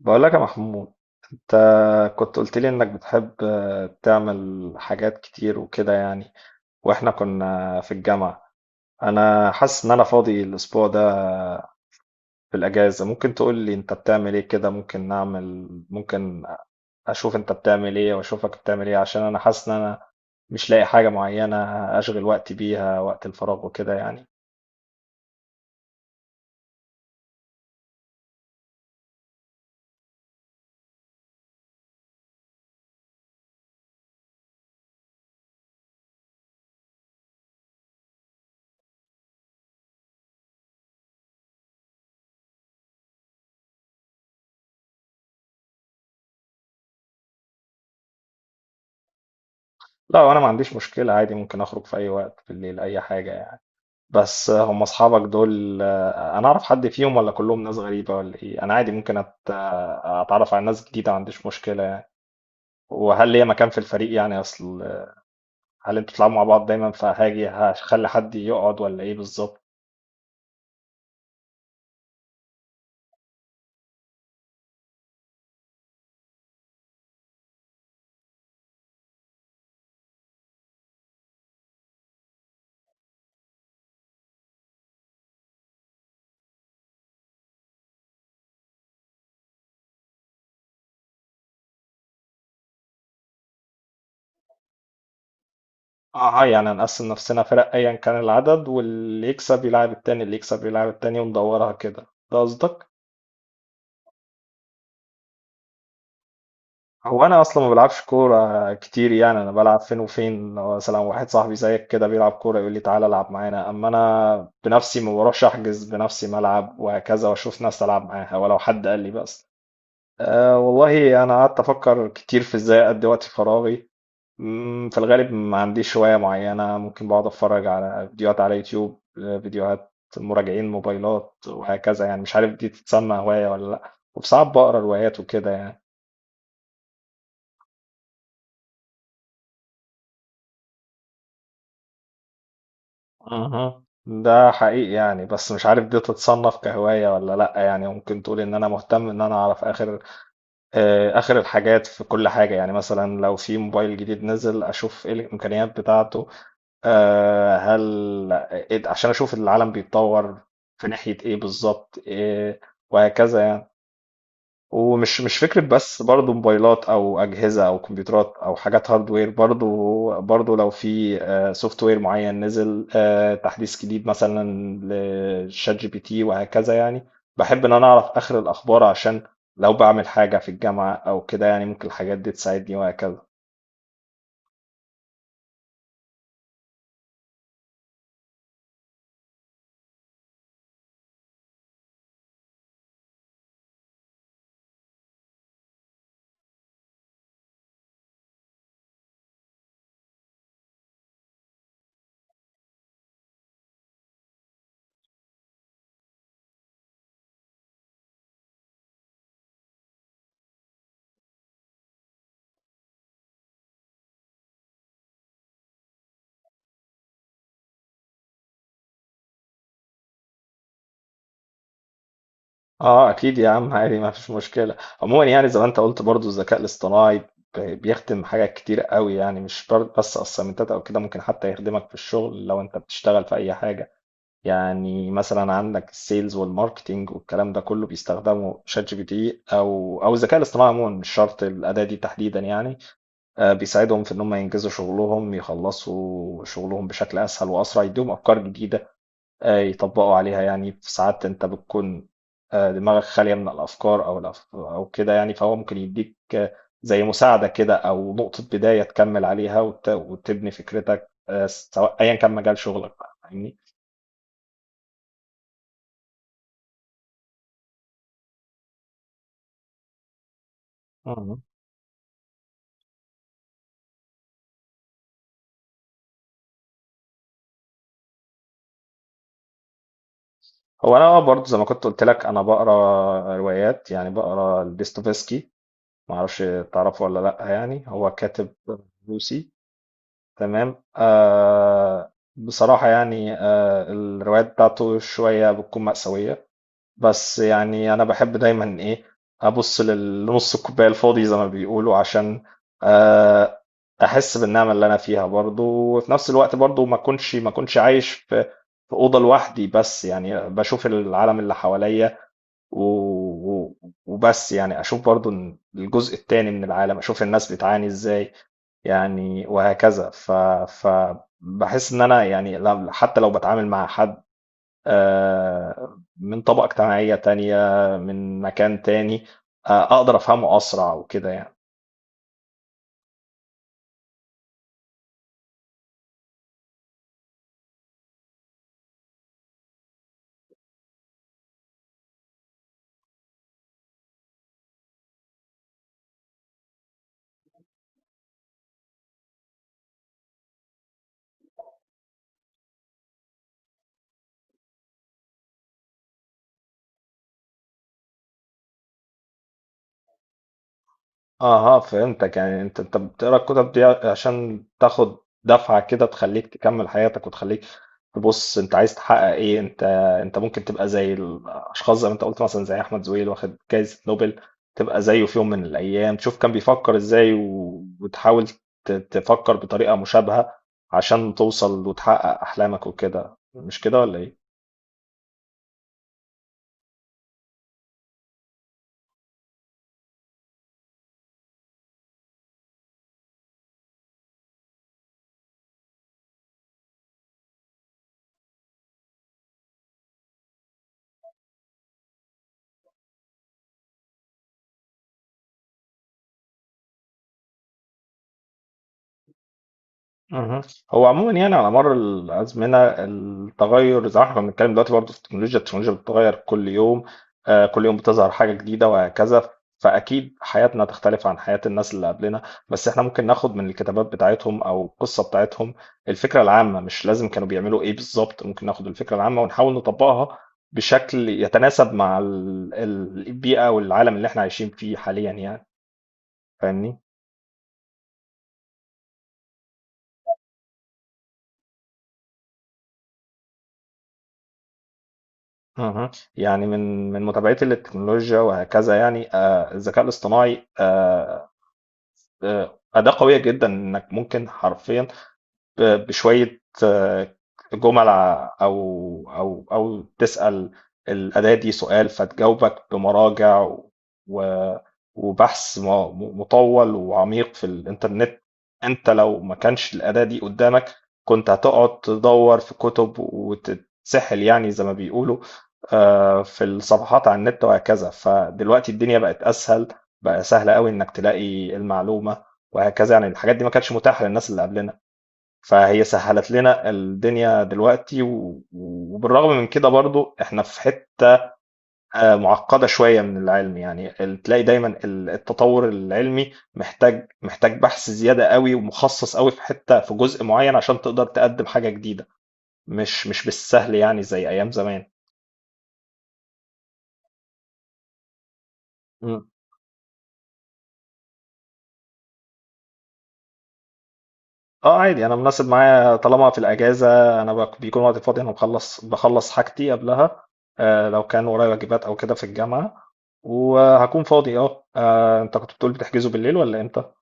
بقول لك يا محمود، انت كنت قلت لي انك بتحب، تعمل حاجات كتير وكده يعني، واحنا كنا في الجامعة. انا حاسس ان انا فاضي الاسبوع ده، في الاجازة. ممكن تقول لي انت بتعمل ايه كده؟ ممكن اشوف انت بتعمل ايه واشوفك بتعمل ايه، عشان انا حاسس ان انا مش لاقي حاجة معينة اشغل وقتي بيها وقت الفراغ وكده يعني. لا، انا ما عنديش مشكلة، عادي ممكن اخرج في اي وقت بالليل اي حاجة يعني. بس هم اصحابك دول، انا اعرف حد فيهم ولا كلهم ناس غريبة ولا ايه؟ انا عادي ممكن اتعرف على ناس جديدة، ما عنديش مشكلة يعني. وهل ليا مكان في الفريق؟ يعني اصل هل انتوا بتلعبوا مع بعض دايما فهاجي هخلي حد يقعد ولا ايه بالظبط؟ اه، يعني هنقسم نفسنا فرق ايا كان العدد، واللي يكسب يلعب التاني اللي يكسب يلعب التاني وندورها كده، ده قصدك؟ هو انا اصلا ما بلعبش كوره كتير يعني، انا بلعب فين وفين، لو مثلا واحد صاحبي زيك كده بيلعب كوره يقول لي تعالى العب معانا، اما انا بنفسي ما بروحش احجز بنفسي ملعب وهكذا واشوف ناس العب معاها، ولو حد قال لي بس. أه والله انا قعدت افكر كتير في ازاي اقضي وقت فراغي. في الغالب ما عنديش هوايه معينه. ممكن بقعد اتفرج على فيديوهات على يوتيوب، فيديوهات مراجعين موبايلات وهكذا يعني، مش عارف دي تتسمى هوايه ولا لا، وساعات بقرا روايات وكده يعني. اها، ده حقيقي يعني، بس مش عارف دي تتصنف كهواية ولا لأ، يعني ممكن تقول إن أنا مهتم إن أنا أعرف آخر، آخر الحاجات في كل حاجة. يعني مثلا لو في موبايل جديد نزل أشوف إيه الإمكانيات بتاعته. آه، هل عشان أشوف العالم بيتطور في ناحية إيه بالظبط، إيه وهكذا يعني. ومش مش فكرة، بس برضو موبايلات أو أجهزة أو كمبيوترات أو حاجات هاردوير، برضو لو في سوفت وير معين نزل، تحديث جديد مثلا لشات جي بي تي وهكذا يعني. بحب إن أنا أعرف آخر الأخبار عشان لو بعمل حاجة في الجامعة أو كده يعني ممكن الحاجات دي تساعدني وهكذا. اه اكيد يا عم، عادي ما فيش مشكله. عموما يعني زي ما انت قلت برضو، الذكاء الاصطناعي بيخدم حاجات كتير قوي يعني، مش بس اسايمنتات او كده، ممكن حتى يخدمك في الشغل لو انت بتشتغل في اي حاجه. يعني مثلا عندك السيلز والماركتينج والكلام ده كله بيستخدموا شات جي بي تي او الذكاء الاصطناعي عموما، مش شرط الاداه دي تحديدا يعني. بيساعدهم في ان هم ينجزوا شغلهم، يخلصوا شغلهم بشكل اسهل واسرع، يديهم افكار جديده يطبقوا عليها. يعني في ساعات انت بتكون دماغك خاليه من الافكار او كده يعني، فهو ممكن يديك، زي مساعده كده او نقطه بدايه تكمل عليها وتبني فكرتك، سواء ايا كان مجال شغلك بقى، فاهمني؟ هو انا برضه زي ما كنت قلت لك انا بقرا روايات يعني، بقرا ديستوفسكي. ما اعرفش تعرفه ولا لا، يعني هو كاتب روسي. تمام. بصراحة يعني، الروايات بتاعته شوية بتكون مأساوية، بس يعني أنا باحب دايمًا، أبُص لنُص الكوباية الفاضي زي ما بيقولوا عشان، آآ أحس بالنعمة اللي أنا فيها برضه، وفي نفس الوقت برضه ما أكونش عايش في أوضة لوحدي بس، يعني باشوف العالم اللي حواليّا و و وبس يعني، أشوف برضه إن الجزء التاني من العالم، أشوف الناس بتعاني إزاي يعني وهكذا. فباحس إن أنا يعني لم حتى لو باتعامل مع حد، من طبقة اجتماعية تانية، من مكان تاني، أقدر أفهمه أسرع وكده يعني. أها فهمتك، يعني أنت بتقرأ الكتب دي عشان تاخد دفعة كده تخليك تكمل حياتك وتخليك تبص أنت عايز تحقق إيه. أنت أنت ممكن تبقى زي الأشخاص زي ما أنت قلت، مثلا زي أحمد زويل واخد جايزة نوبل، تبقى زيه في يوم من الأيام، تشوف كان بيفكر إزاي وتحاول تفكر بطريقة مشابهة عشان توصل وتحقق أحلامك وكده، مش كده ولا إيه؟ مهم. هو عموما يعني على مر الازمنه التغير، زي ما احنا كنا بنتكلم دلوقتي برضه في التكنولوجيا بتتغير كل يوم، كل يوم بتظهر حاجه جديده وهكذا. فاكيد حياتنا تختلف عن حياه الناس اللي قبلنا، بس احنا ممكن ناخد من الكتابات بتاعتهم او القصه بتاعتهم الفكره العامه. مش لازم كانوا بيعملوا ايه بالظبط، ممكن ناخد الفكره العامه ونحاول نطبقها بشكل يتناسب مع البيئه والعالم اللي احنا عايشين فيه حاليا يعني، فاهمني؟ اها. يعني من متابعتي للتكنولوجيا وهكذا يعني، الذكاء الاصطناعي، أداة قوية جدا إنك ممكن حرفيا بشوية، جمل أو تسأل الأداة دي سؤال فتجاوبك بمراجع و- وبحث مطول وعميق في الإنترنت. أنت لو ما كانش الأداة دي قدامك كنت هتقعد تدور في كتب وتتسحل يعني زي ما بيقولوا، في الصفحات على النت وهكذا. فدلوقتي الدنيا بقت أسهل، بقى سهل قوي إنك تلاقي المعلومة وهكذا يعني. الحاجات دي ما كانتش متاحة للناس اللي قبلنا، فهي سهلت لنا الدنيا دلوقتي، وبالرغم من كده برضو احنا في حتة معقدة شوية من العلم يعني. تلاقي دايما التطور العلمي محتاج بحث زيادة قوي ومخصص قوي في حتة في جزء معين عشان تقدر تقدم حاجة جديدة، مش بالسهل يعني زي أيام زمان. اه عادي، انا مناسب معايا طالما في الاجازه. انا بيكون وقت فاضي. انا بخلص حاجتي قبلها، آه لو كان ورايا واجبات او كده في الجامعه، وهكون فاضي. اه، انت كنت بتقول بتحجزوا بالليل ولا امتى؟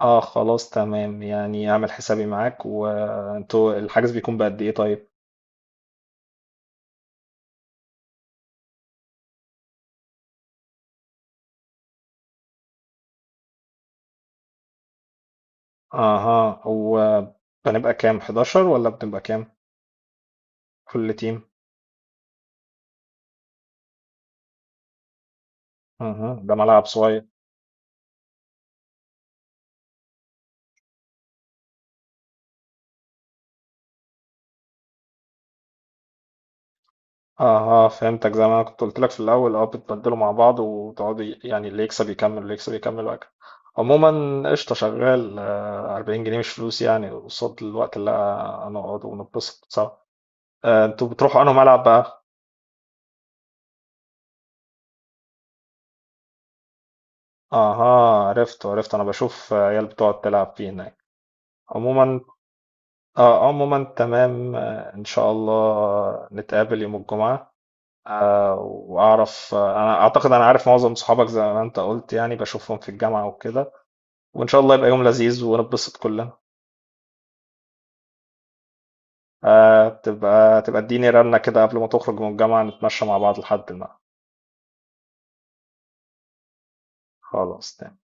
اه خلاص تمام يعني، اعمل حسابي معاك. وانتوا الحجز بيكون بقد ايه طيب؟ اها، هو بنبقى كام 11 ولا بنبقى كام كل تيم؟ اها ده ملعب صغير. اه اه فهمتك، زي ما انا كنت قلت لك في الاول، اه بتبدلوا مع بعض وتقعدوا يعني اللي يكسب يكمل واللي يكسب يكمل وهكذا. عموما قشطه، شغال، 40 جنيه مش فلوس يعني قصاد الوقت اللي هنقعد ونتبسط سوا. انتوا بتروحوا انهي ملعب بقى؟ اها عرفت عرفت، انا بشوف عيال بتقعد تلعب فيه هناك. عموما اه، عموما تمام، ان شاء الله نتقابل يوم الجمعة. واعرف، انا اعتقد انا عارف معظم صحابك زي ما انت قلت يعني، بشوفهم في الجامعة وكده، وإن شاء الله يبقى يوم لذيذ ونتبسط كلنا. تبقى اديني رنة كده قبل ما تخرج من الجامعة نتمشى مع بعض لحد ما. خلاص تمام.